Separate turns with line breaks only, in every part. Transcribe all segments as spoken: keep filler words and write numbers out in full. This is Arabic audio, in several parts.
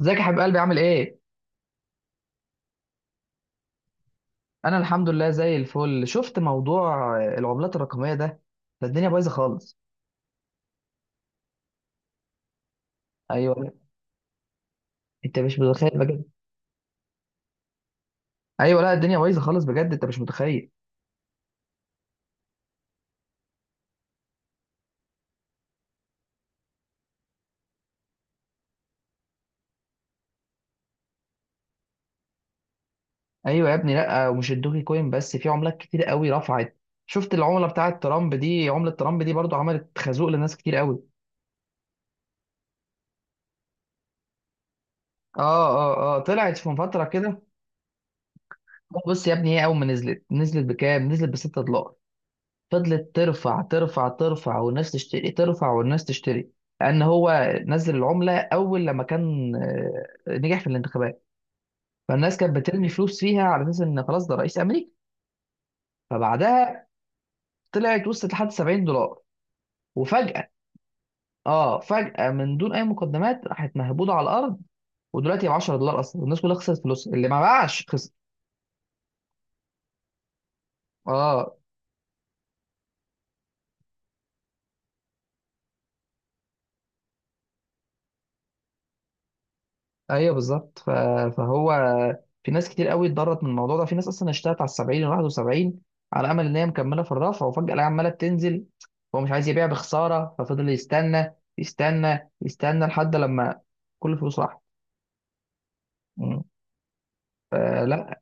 ازيك يا حبيب قلبي، عامل ايه؟ انا الحمد لله زي الفل. شفت موضوع العملات الرقميه ده، ده الدنيا بايظه خالص. ايوه، لا. انت مش متخيل بجد. ايوه، لا، الدنيا بايظه خالص بجد، انت مش متخيل. ايوه يا ابني، لا، ومش الدوكي كوين بس، في عملات كتير قوي رفعت. شفت العمله بتاعه ترامب دي؟ عمله ترامب دي برضو عملت خازوق لناس كتير قوي. اه. اه اه طلعت في فتره كده. بص يا ابني، هي اول ما نزلت، نزلت بكام؟ نزلت ب ستة دولار. فضلت ترفع ترفع ترفع والناس تشتري، ترفع والناس تشتري. لأن هو نزل العملة أول لما كان، آه، نجح في الانتخابات. فالناس كانت بترمي فلوس فيها على أساس إن خلاص ده رئيس أمريكا. فبعدها طلعت، وصلت لحد سبعين دولار. وفجأة، اه، فجأة من دون أي مقدمات راحت مهبوطة على الأرض. ودلوقتي ب عشر دولار أصلا، والناس كلها خسرت فلوس، اللي ما باعش خسر. اه. ايوه بالظبط. ف- فهو في ناس كتير قوي اتضرت من الموضوع ده. في ناس اصلا اشتغلت على ال سبعين وال واحد وسبعين على امل ان هي مكمله في الرفع، وفجاه الاقيها عماله بتنزل. هو مش عايز يبيع بخساره، ففضل يستنى يستنى يستنى لحد لما كل فلوسه راحت. مم. آه، لا.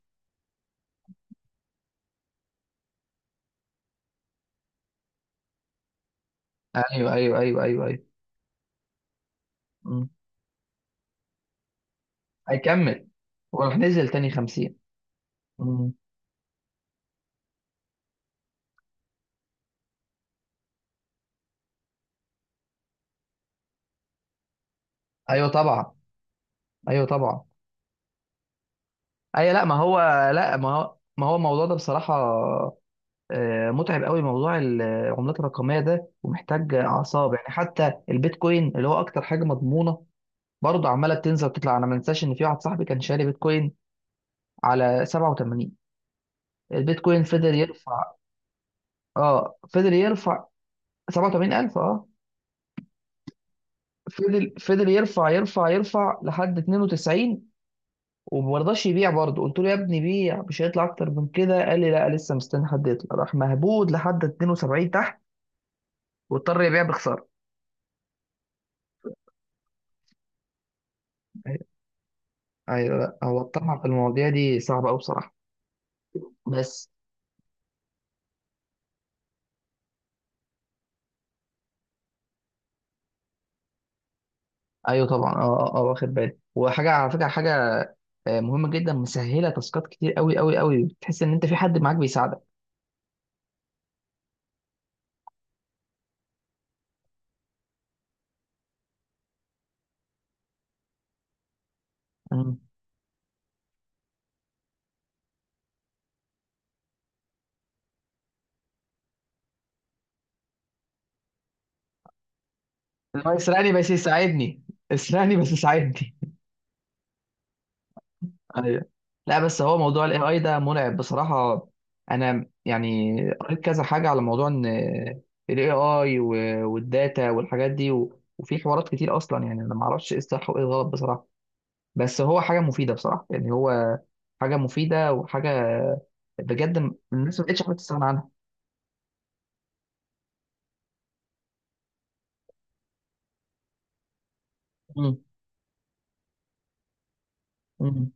ايوه، ايوه، ايوه، ايوه، ايوه. مم. هيكمل. وراح نزل تاني خمسين. مم. ايوه طبعا. ايوه طبعا. ايوه، لا ما هو لا ما هو ما هو الموضوع ده بصراحه آه، متعب قوي. موضوع العملات الرقميه ده ومحتاج اعصاب، يعني حتى البيتكوين اللي هو اكتر حاجه مضمونه برضه عماله بتنزل وتطلع. انا ما انساش ان في واحد صاحبي كان شاري بيتكوين على سبعة وثمانين. البيتكوين فضل يرفع. اه، فضل يرفع. سبعة وثمانين الف. اه. فضل فضل يرفع يرفع يرفع لحد اتنين وتسعين، وما رضاش يبيع برضه. قلت له يا ابني بيع، مش هيطلع اكتر من كده. قال لي لا، لسه مستني حد يطلع. راح مهبود لحد اثنين وسبعين تحت، واضطر يبيع بخساره. ايوه، لا، هو الطمع في المواضيع دي صعبه قوي بصراحه. بس ايوه طبعا. اه اه آه، واخد بالي. وحاجه على فكره، حاجه آه، مهمه جدا، مسهله تاسكات كتير قوي قوي قوي. بتحس ان انت في حد معاك بيساعدك. مم. اللي هو اسرقني بس يساعدني. اسرقني بس يساعدني. ايوه. لا، بس هو موضوع الاي اي ده مرعب بصراحه. انا يعني قريت كذا حاجه على موضوع ان الاي اي والداتا والحاجات دي، و- وفي حوارات كتير اصلا، يعني انا ما اعرفش ايه الصح وايه الغلط بصراحه. بس هو حاجه مفيده بصراحه، يعني هو حاجه مفيده، وحاجه بجد، م- الناس ما بقتش عارفه تستغنى عنها. مم. مم.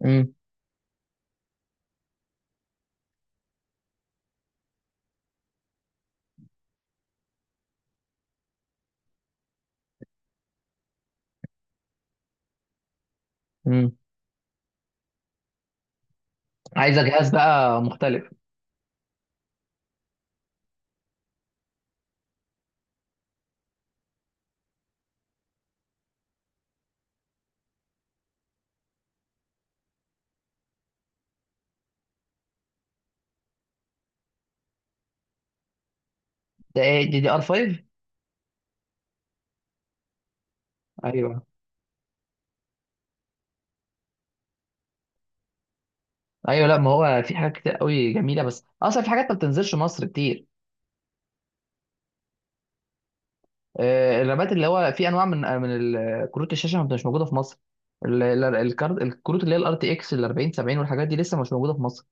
مم. مم. عايزه جهاز بقى مختلف. ده ايه، دي دي ار خمسة؟ ايوه. ايوه، لا ما هو في حاجات كتير قوي جميله، بس اصلا في حاجات ما بتنزلش مصر كتير. آه، الرامات، اللي هو في انواع من، آه، من ال- كروت الشاشه مش موجوده في مصر. ال- ال- الكارت الكروت اللي هي الار تي اكس ال اربعين سبعين والحاجات دي لسه مش موجوده في مصر.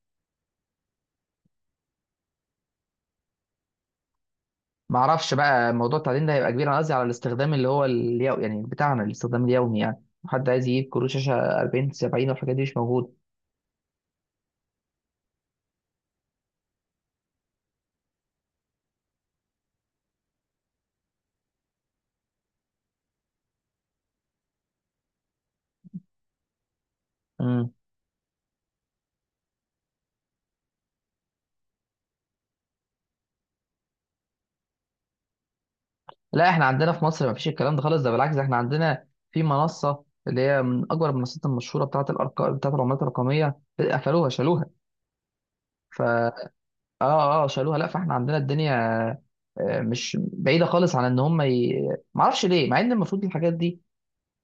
ما اعرفش بقى موضوع التعدين ده هيبقى كبير، انا قصدي على الاستخدام اللي هو اليوم يعني بتاعنا، الاستخدام اليومي يعني. حد عايز يجيب كروت شاشه اربعين سبعين والحاجات دي مش موجوده. امم. لا، احنا عندنا في مصر ما فيش الكلام ده خالص، ده بالعكس، احنا عندنا في منصه اللي هي من اكبر المنصات المشهوره بتاعه الارقام بتاعه العملات الرقميه قفلوها، شالوها. ف، اه اه، شالوها. لا، فاحنا عندنا الدنيا آه، مش بعيده خالص عن ان هم ي... ما اعرفش ليه، مع ان المفروض الحاجات دي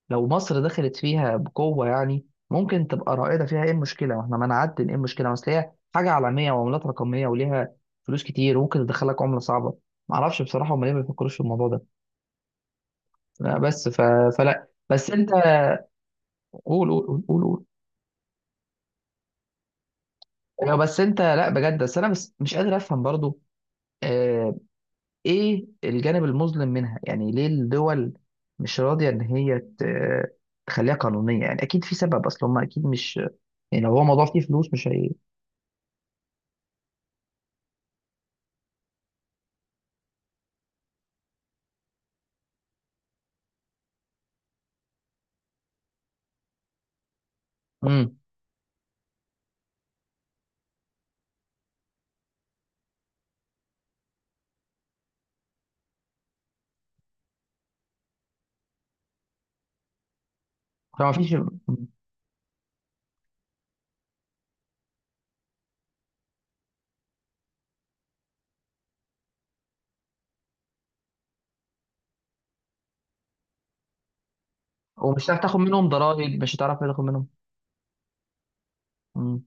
لو مصر دخلت فيها بقوة يعني ممكن تبقى رائدة فيها. ايه المشكلة واحنا ما نعدل؟ ايه المشكلة؟ بس هي حاجة عالمية، وعملات رقمية وليها فلوس كتير، وممكن تدخلك عملة صعبة. معرفش بصراحة هم ليه ما بيفكروش في الموضوع ده. لا بس، ف... فلا بس انت قول قول قول قول قول. ايوه بس انت، لا بجد، بس انا بس مش قادر افهم برضو. آه. ايه الجانب المظلم منها؟ يعني ليه الدول مش راضية ان هي ت... تخليها قانونية؟ يعني اكيد في سبب، اصل هم اكيد مش، يعني لو هو موضوع فيه فلوس، مش هي. مم. فما فيش. ومش هتعرف تاخد منهم ضرائب، مش هتعرف تاخد منهم. مم.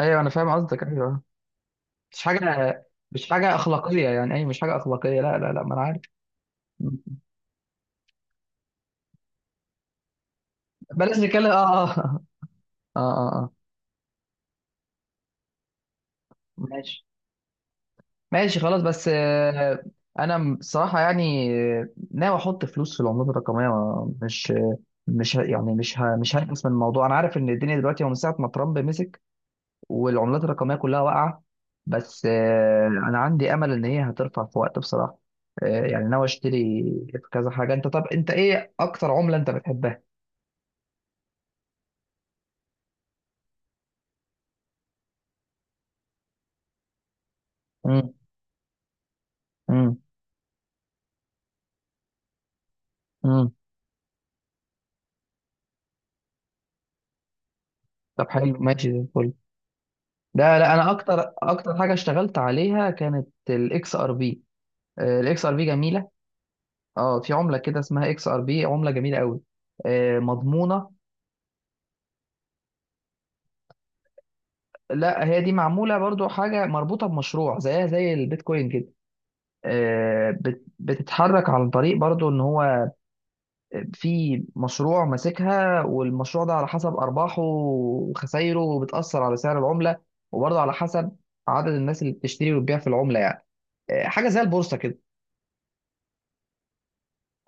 ايوه، انا فاهم قصدك، ايوه. مش حاجه، مش حاجه اخلاقيه يعني اي مش حاجه اخلاقيه، لا لا لا، ما انا عارف. مم. بلاش نتكلم. اه اه. اه اه آه. ماشي. ماشي خلاص، بس آه، انا، م- الصراحه يعني، آه، ناوي احط فلوس في العملات الرقميه. ما- مش، مش ه- يعني مش ه- مش هنقص من الموضوع. انا عارف ان الدنيا دلوقتي، هو من ساعه ما ترامب مسك والعملات الرقمية كلها واقعة، بس آه، أنا عندي أمل إن هي هترفع في وقت بصراحة. آه، يعني ناوي أشتري في كذا حاجة. أنت، طب أنت إيه أكتر عملة أنت بتحبها؟ مم. مم. مم. طب حلو، ماشي، زي الفل. لا لا، أنا أكتر أكتر حاجة اشتغلت عليها كانت الإكس آر بي. الإكس آر بي جميلة. أه، في عملة كده اسمها إكس آر بي، عملة جميلة قوي، آه، مضمونة. لا، هي دي معمولة برضو حاجة مربوطة بمشروع زيها زي البيتكوين كده، آه، بت- بتتحرك عن طريق برضو ان هو في مشروع ماسكها، والمشروع ده على حسب ارباحه وخسايره، وبتاثر على سعر العمله، وبرضو على حسب عدد الناس اللي بتشتري وتبيع في العمله يعني. آه، حاجه زي البورصه كده.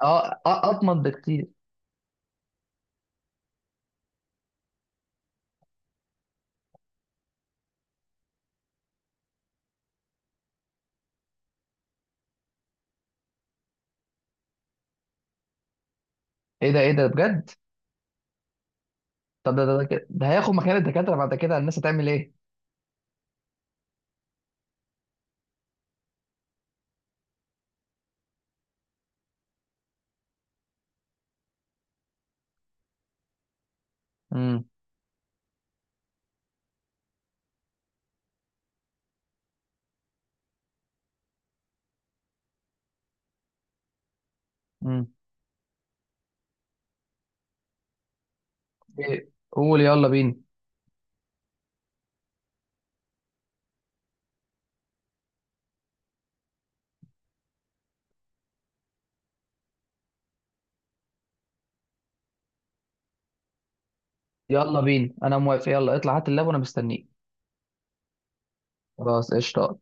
اه، آه، اضمن بكتير. ايه ده؟ ايه ده بجد؟ طب ده ده, ده, كده- ده هياخد مكان الدكاتره، بعد كده الناس هتعمل ايه؟ امم. امم. إيه؟ قول يلا بينا. يلا بينا، انا موافق. يلا اطلع هات اللاب وانا مستنيك. خلاص، قشطه.